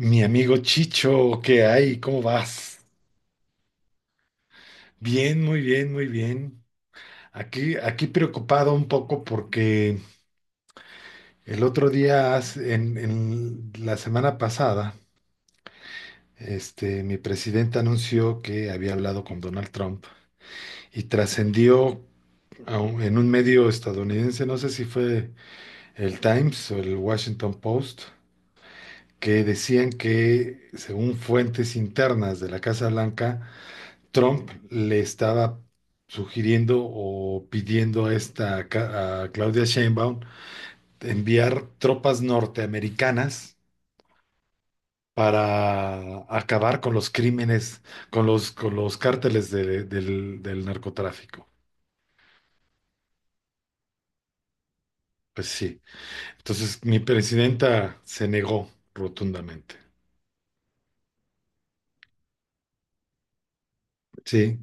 Mi amigo Chicho, ¿qué hay? ¿Cómo vas? Bien, muy bien, muy bien. Aquí preocupado un poco porque el otro día, en la semana pasada, mi presidente anunció que había hablado con Donald Trump y trascendió en un medio estadounidense, no sé si fue el Times o el Washington Post, que decían que, según fuentes internas de la Casa Blanca, Trump le estaba sugiriendo o pidiendo a Claudia Sheinbaum enviar tropas norteamericanas para acabar con los crímenes, con los cárteles del narcotráfico. Pues sí. Entonces mi presidenta se negó rotundamente. Sí,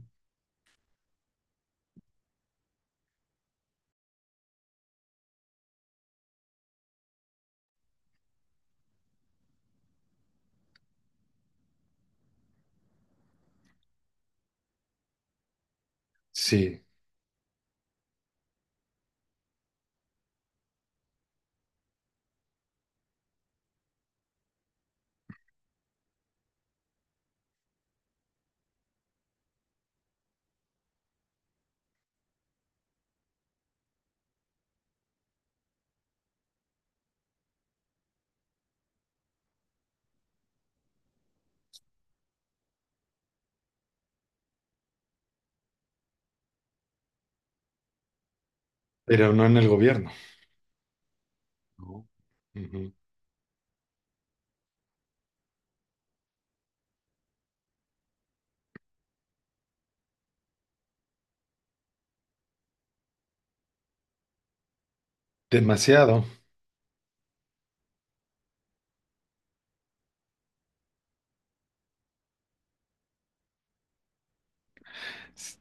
sí, pero no en el gobierno. No. Ujú. Demasiado. S-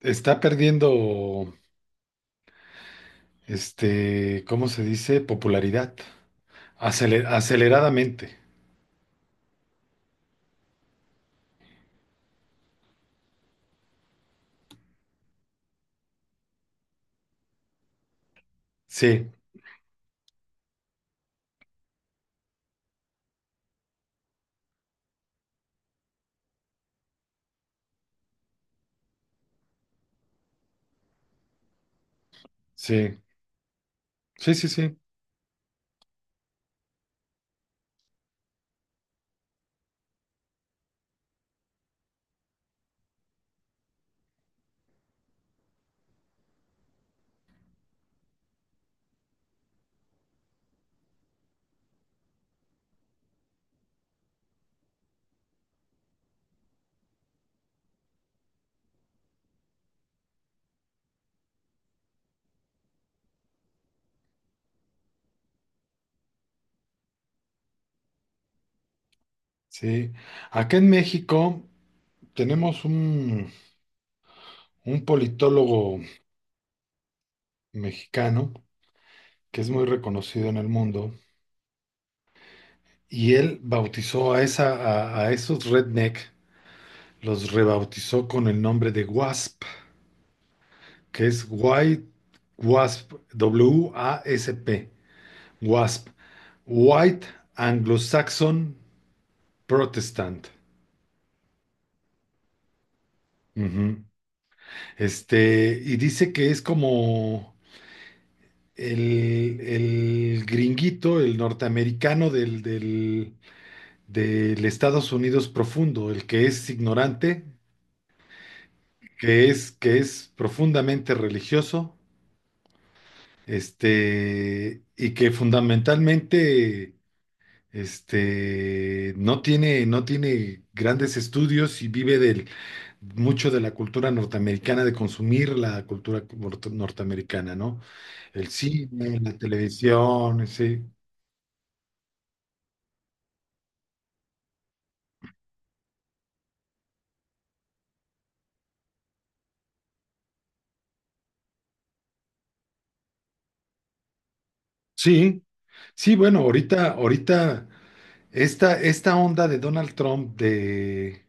Está perdiendo. ¿Cómo se dice? Popularidad. Aceleradamente. Sí, sí, sí, sí, sí, sí. Acá en México tenemos un politólogo mexicano que es muy reconocido en el mundo y él bautizó a esos redneck, los rebautizó con el nombre de WASP, que es White WASP, WASP, WASP, White Anglo-Saxon Protestant. Ujú. Y dice que es como el gringuito, el norteamericano del Estados Unidos profundo, el que es ignorante, que es profundamente religioso, y que fundamentalmente no tiene grandes estudios y vive del mucho de la cultura norteamericana, de consumir la cultura norteamericana, ¿no? El cine, la televisión, sí. Sí, sí, bueno, ahorita, esta onda de Donald Trump de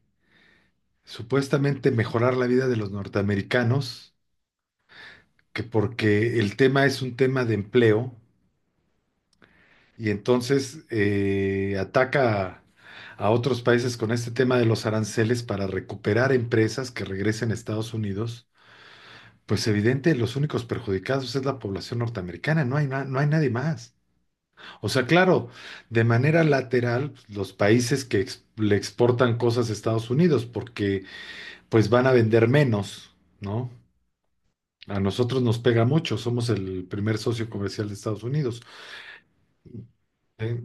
supuestamente mejorar la vida de los norteamericanos, que porque el tema es un tema de empleo, y entonces ataca a otros países con este tema de los aranceles para recuperar empresas que regresen a Estados Unidos. Pues evidente, los únicos perjudicados es la población norteamericana, no hay, no hay nadie más. O sea, claro, de manera lateral, los países que le exportan cosas a Estados Unidos, porque pues van a vender menos, ¿no? A nosotros nos pega mucho, somos el primer socio comercial de Estados Unidos. ¿Eh?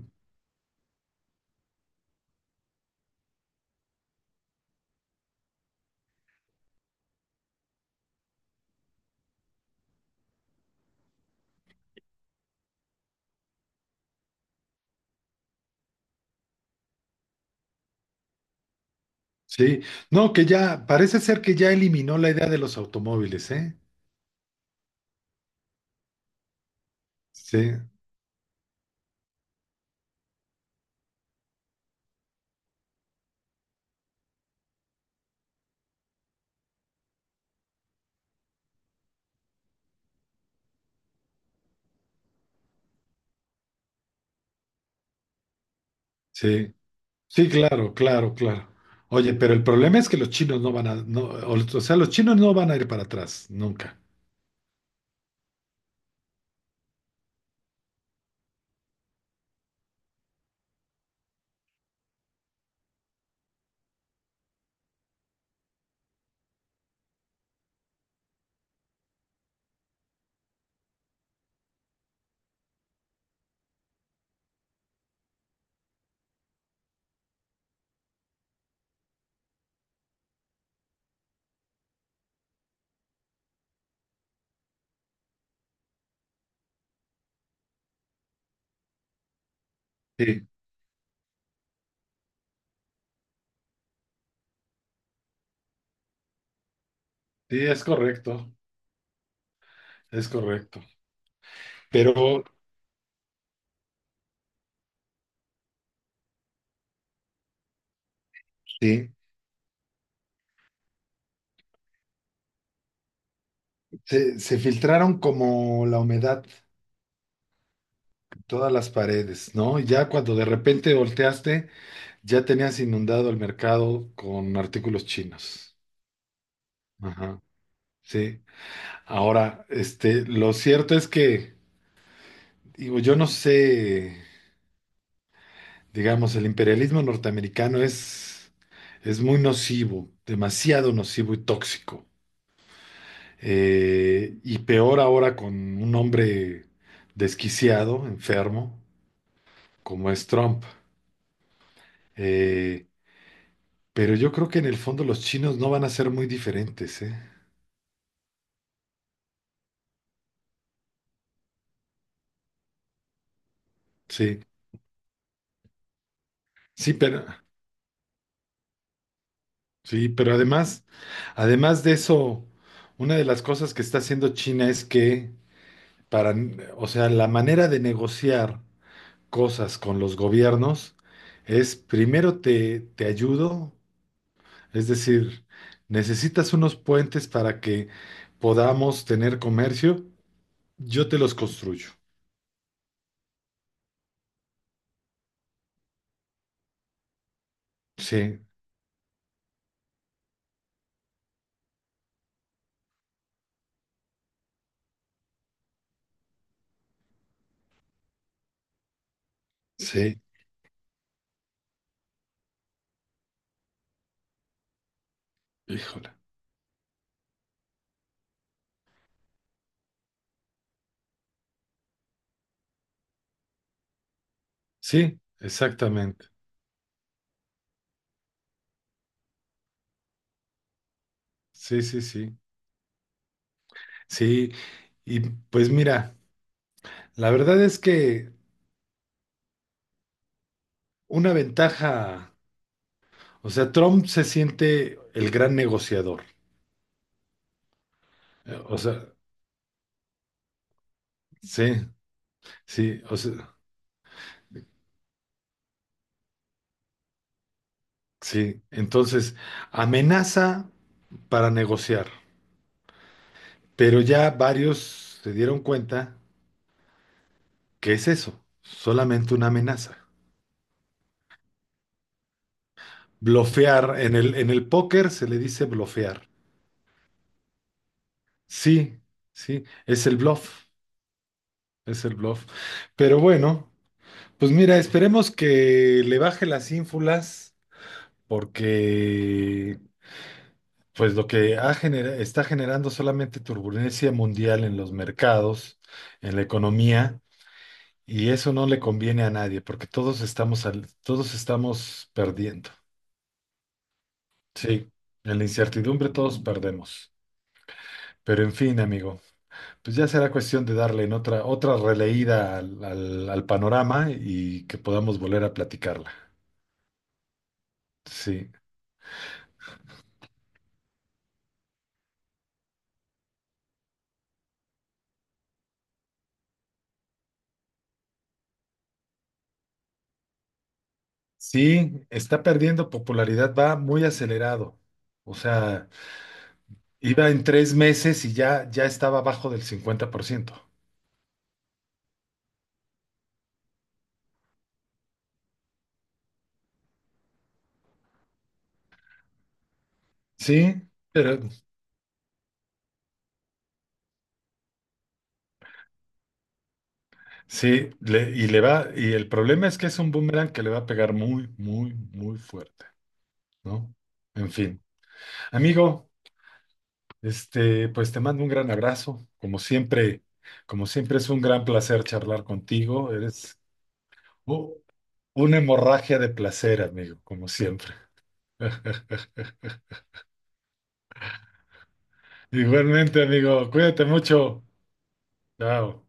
Sí, no, que ya, parece ser que ya eliminó la idea de los automóviles, ¿eh? Sí, sí. Sí, claro, claro, claro. Oye, pero el problema es que los chinos no van a, no, o sea, los chinos no van a ir para atrás, nunca. Sí, sí, es correcto, es correcto. Pero sí, se filtraron como la humedad en todas las paredes, ¿no? Y ya cuando de repente volteaste, ya tenías inundado el mercado con artículos chinos. Ajá, sí. Ahora, lo cierto es que, digo, yo no sé. Digamos, el imperialismo norteamericano es, muy nocivo, demasiado nocivo y tóxico. Y peor ahora con un hombre desquiciado, enfermo, como es Trump. Eh, pero yo creo que en el fondo los chinos no van a ser muy diferentes, ¿eh? Sí, sí, pero, sí, pero además de eso, una de las cosas que está haciendo China es que para, o sea, la manera de negociar cosas con los gobiernos es primero te ayudo, es decir, necesitas unos puentes para que podamos tener comercio, yo te los construyo. Sí, sí, híjole. Sí, exactamente. Sí, sí, sí. Sí, y pues mira, la verdad es que una ventaja, o sea, Trump se siente el gran negociador. O sea, sí, sí, o sea. Sí, entonces amenaza para negociar, pero ya varios se dieron cuenta que es eso, solamente una amenaza. Blofear, en el póker se le dice blofear. Sí, sí, es el bluff, es el bluff. Pero bueno, pues mira, esperemos que le baje las ínfulas porque pues lo que está generando solamente turbulencia mundial en los mercados, en la economía. Y eso no le conviene a nadie, porque todos estamos, todos estamos perdiendo. Sí, en la incertidumbre todos perdemos. Pero en fin, amigo, pues ya será cuestión de darle en otra releída al panorama y que podamos volver a platicarla. Sí. Sí, está perdiendo popularidad, va muy acelerado. O sea, iba en 3 meses y ya estaba abajo del 50%. Sí, pero sí, y le va, y el problema es que es un boomerang que le va a pegar muy, muy, muy fuerte, ¿no? En fin, amigo, pues te mando un gran abrazo. Como siempre es un gran placer charlar contigo. Eres u- una hemorragia de placer, amigo, como siempre. Igualmente, amigo, cuídate mucho. Chao.